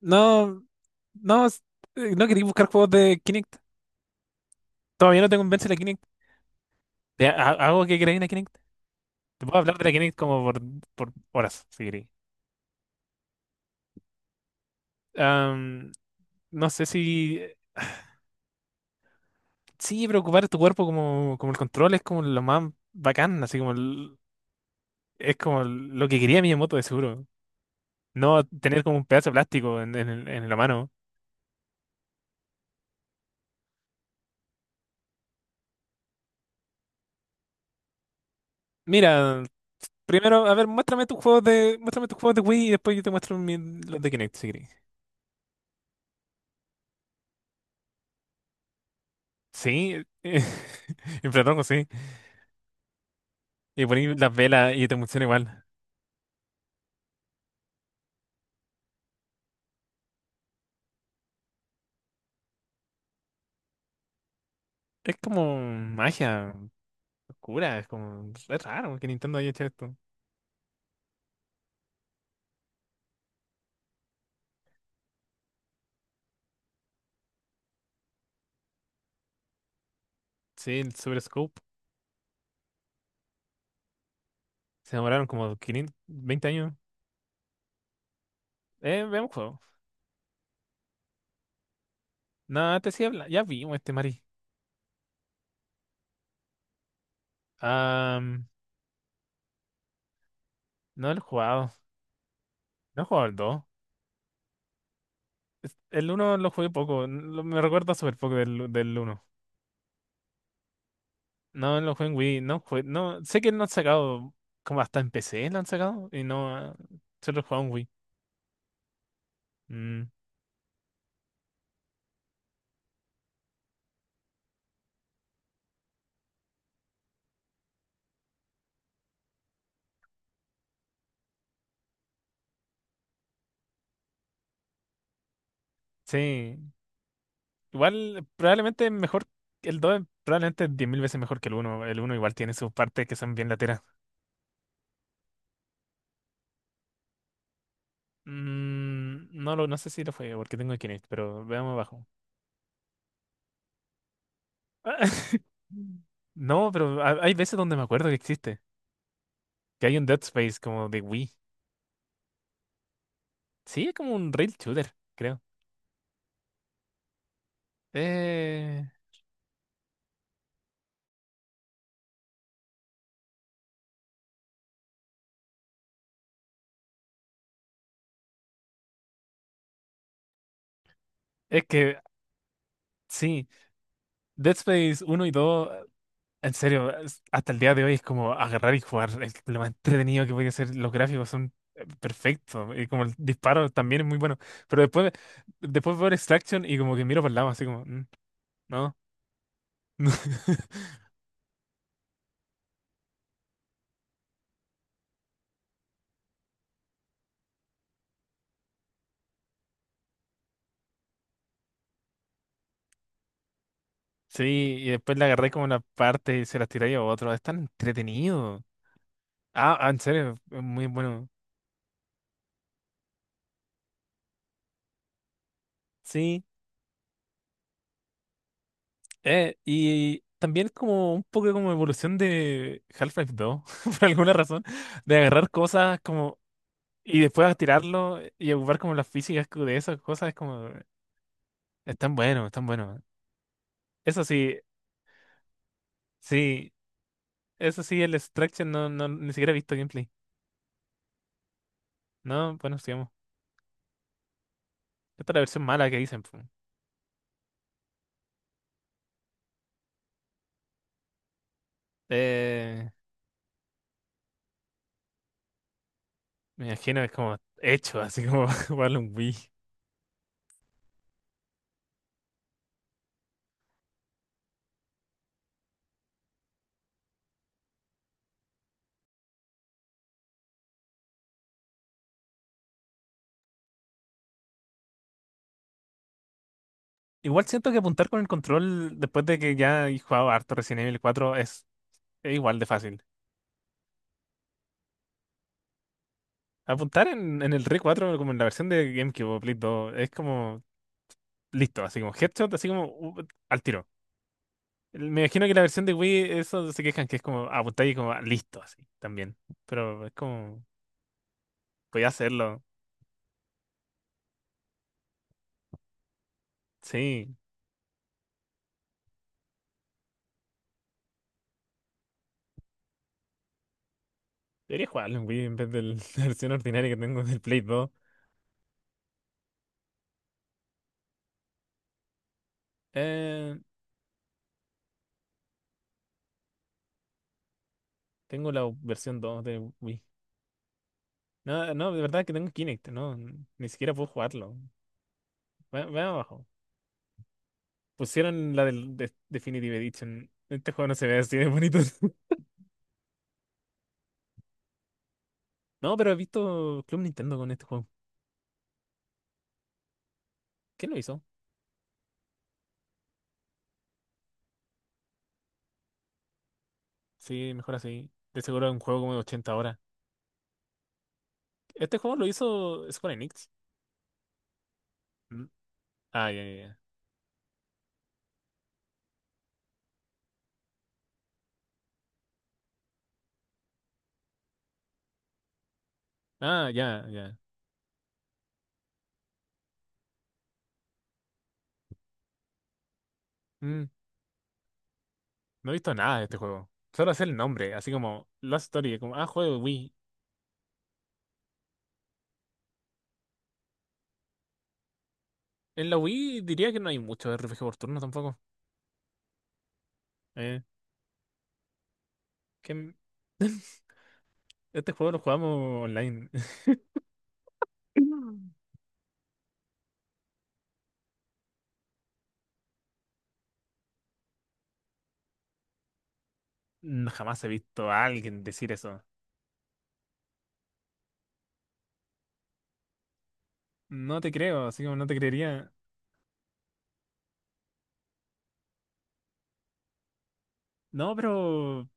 No, no, no quería buscar juegos de Kinect. Todavía no te convence la Kinect. Te hago que queráis la Kinect. Te puedo hablar de la Kinect como por horas, si queréis. Am, no sé si. Sí, preocupar tu cuerpo como el control es como lo más bacán, así como es como lo que quería Miyamoto de seguro. No tener como un pedazo de plástico en la mano. Mira, primero, a ver, muéstrame tus juegos de Wii y después yo te muestro los de Kinect, si queréis. Sí, en Platón, sí. Y poner las velas y te funciona igual. Es como magia oscura, es como. Es raro que Nintendo haya hecho esto. Sí, el Super Scope. Se demoraron como 520 años. Veamos juego. No, antes sí ya vimos este Mari. Ah, no lo he jugado. No he jugado el dos. El uno lo jugué poco. Me recuerda súper poco del uno. No, lo jugué en Wii. No, no, sé que lo han sacado como hasta en PC lo han sacado. Y no, ah, solo he jugado en Wii. Mm, sí. Igual, probablemente es mejor, el 2 probablemente es 10.000 veces mejor que el uno. El uno igual tiene sus partes que son bien lateras. Mm, no sé si lo fue porque tengo el Kinect, pero veamos abajo. No, pero hay veces donde me acuerdo que existe. Que hay un Dead Space como de Wii. Sí, es como un rail shooter, creo. Eh, es que, sí, Dead Space uno y dos. En serio, hasta el día de hoy es como agarrar y jugar. Es lo más entretenido que podía ser. Los gráficos son perfectos. Y como el disparo también es muy bueno. Pero después veo Extraction y como que miro para el lado, así como, "Mm, no." Sí, y después le agarré como una parte y se las tiré a otro. Es tan entretenido. Ah, ah, en serio, es muy bueno. Sí, y también como un poco como evolución de Half-Life 2, por alguna razón, de agarrar cosas como. Y después a tirarlo y ocupar como las físicas de esas cosas es como, están buenos, están buenos. Eso sí, sí, eso sí, el Extraction no, no, ni siquiera he visto gameplay. No, bueno, sigamos. Esta es la versión mala que dicen, po. Eh, me imagino que es como hecho, así como jugarlo en Wii. Igual siento que apuntar con el control, después de que ya he jugado harto Resident Evil 4 es igual de fácil. Apuntar en el Re 4 como en la versión de GameCube o Play dos es como listo, así como headshot, así como al tiro. Me imagino que la versión de Wii, eso se quejan que es como apuntar y como ah, listo, así también. Pero es como, voy a hacerlo. Sí, debería jugarlo en Wii en vez de la versión ordinaria que tengo del Play 2. Eh, tengo la versión 2 de Wii. No, no, de verdad que tengo Kinect, no, ni siquiera puedo jugarlo. Vean abajo. Pusieron la del Definitive Edition. Este juego no se ve así de bonito. No, pero he visto Club Nintendo con este juego. ¿Quién lo hizo? Sí, mejor así. De seguro es un juego como de 80 horas. Este juego lo hizo Square Enix. Mm. Ah, ya, ya, ya. Ah, ya, ya. Mm, No he visto nada de este juego. Solo sé el nombre, así como Lost Story, como, ah, juego de Wii. En la Wii diría que no hay mucho RPG por turno tampoco. Eh, que Este juego lo jugamos online. No, jamás he visto a alguien decir eso. No te creo, así como no te creería. No, pero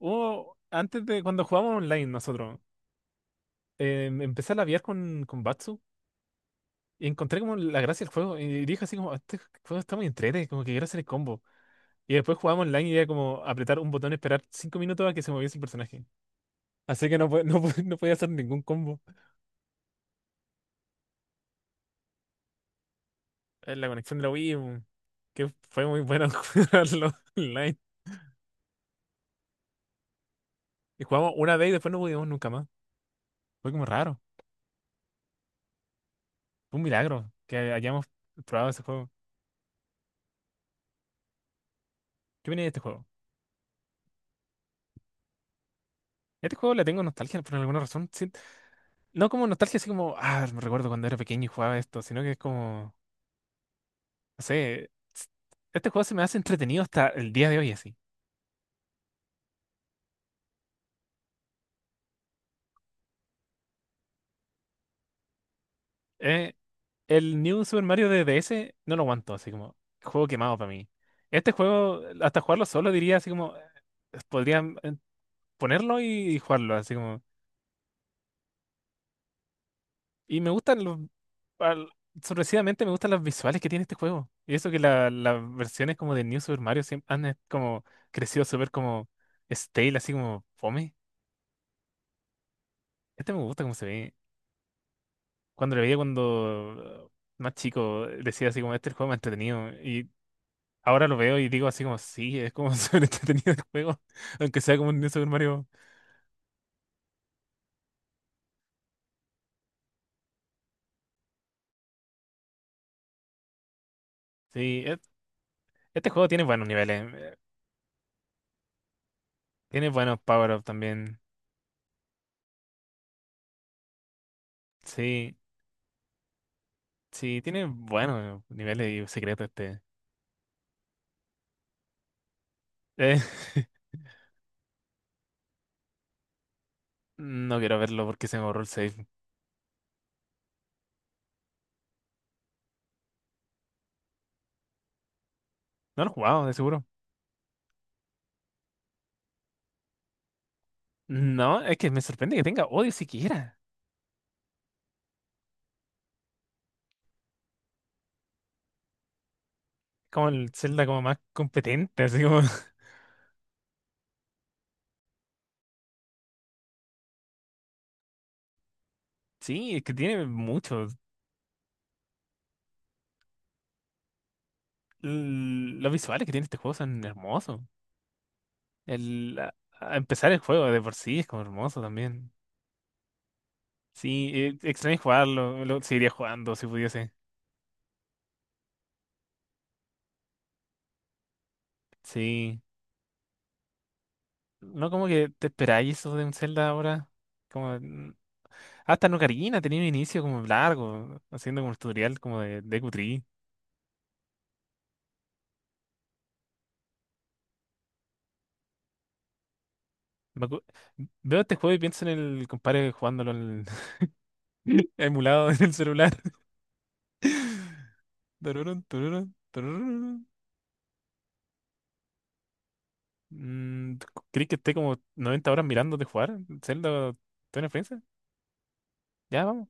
antes de cuando jugábamos online nosotros, empecé a labiar con, Batsu. Y encontré como la gracia del juego. Y dije así como, este juego está muy entrete, como que quiero hacer el combo. Y después jugábamos online y era como apretar un botón, esperar 5 minutos a que se moviese el personaje. Así que no, no, no podía hacer ningún combo. La conexión de la Wii, que fue muy buena jugarlo online. Y jugamos una vez y después no pudimos nunca más. Fue como raro. Fue un milagro que hayamos probado ese juego. ¿Qué viene de este juego? Este juego le tengo nostalgia por alguna razón, sí. No como nostalgia así como, ah, me recuerdo cuando era pequeño y jugaba esto, sino que es como. No sé este juego se me hace entretenido hasta el día de hoy, así. Eh, el New Super Mario de DS no lo aguanto, así como, juego quemado para mí. Este juego, hasta jugarlo solo diría así como, podría ponerlo y, jugarlo, así como. Y me gustan al- sorpresivamente me gustan las visuales que tiene este juego. Y eso que las versiones como de New Super Mario siempre han como crecido súper como stale, así como fome. Este me gusta cómo se ve. Cuando lo veía cuando más chico, decía así como, este es el juego más entretenido. Y ahora lo veo y digo así como, sí, es como súper entretenido el juego, aunque sea como un New Super Mario. Sí, este juego tiene buenos niveles, tiene buenos power-ups también. Sí, sí, tiene buenos niveles y secretos este. Eh, no quiero verlo porque se me borró el save. No lo he jugado, de seguro. No, es que me sorprende que tenga odio siquiera. Como el Zelda como más competente, así como. Sí, es que tiene mucho. Los visuales que tiene este juego son hermosos. El, a- a empezar el juego de por sí es como hermoso también. Sí, extraño jugarlo, lo seguiría jugando si pudiese. Sí. No como que te esperáis eso de un Zelda ahora. Como hasta en Ocarina tenía un inicio como largo, haciendo como un tutorial como de Deku Tree. Me acu- Veo este juego y pienso en el compadre jugándolo en emulado en el celular. Tururun, tururun, tururun. Mm, ¿Crees que esté como 90 horas mirándote jugar? Zelda, ¿tiene experiencia? Ya, vamos.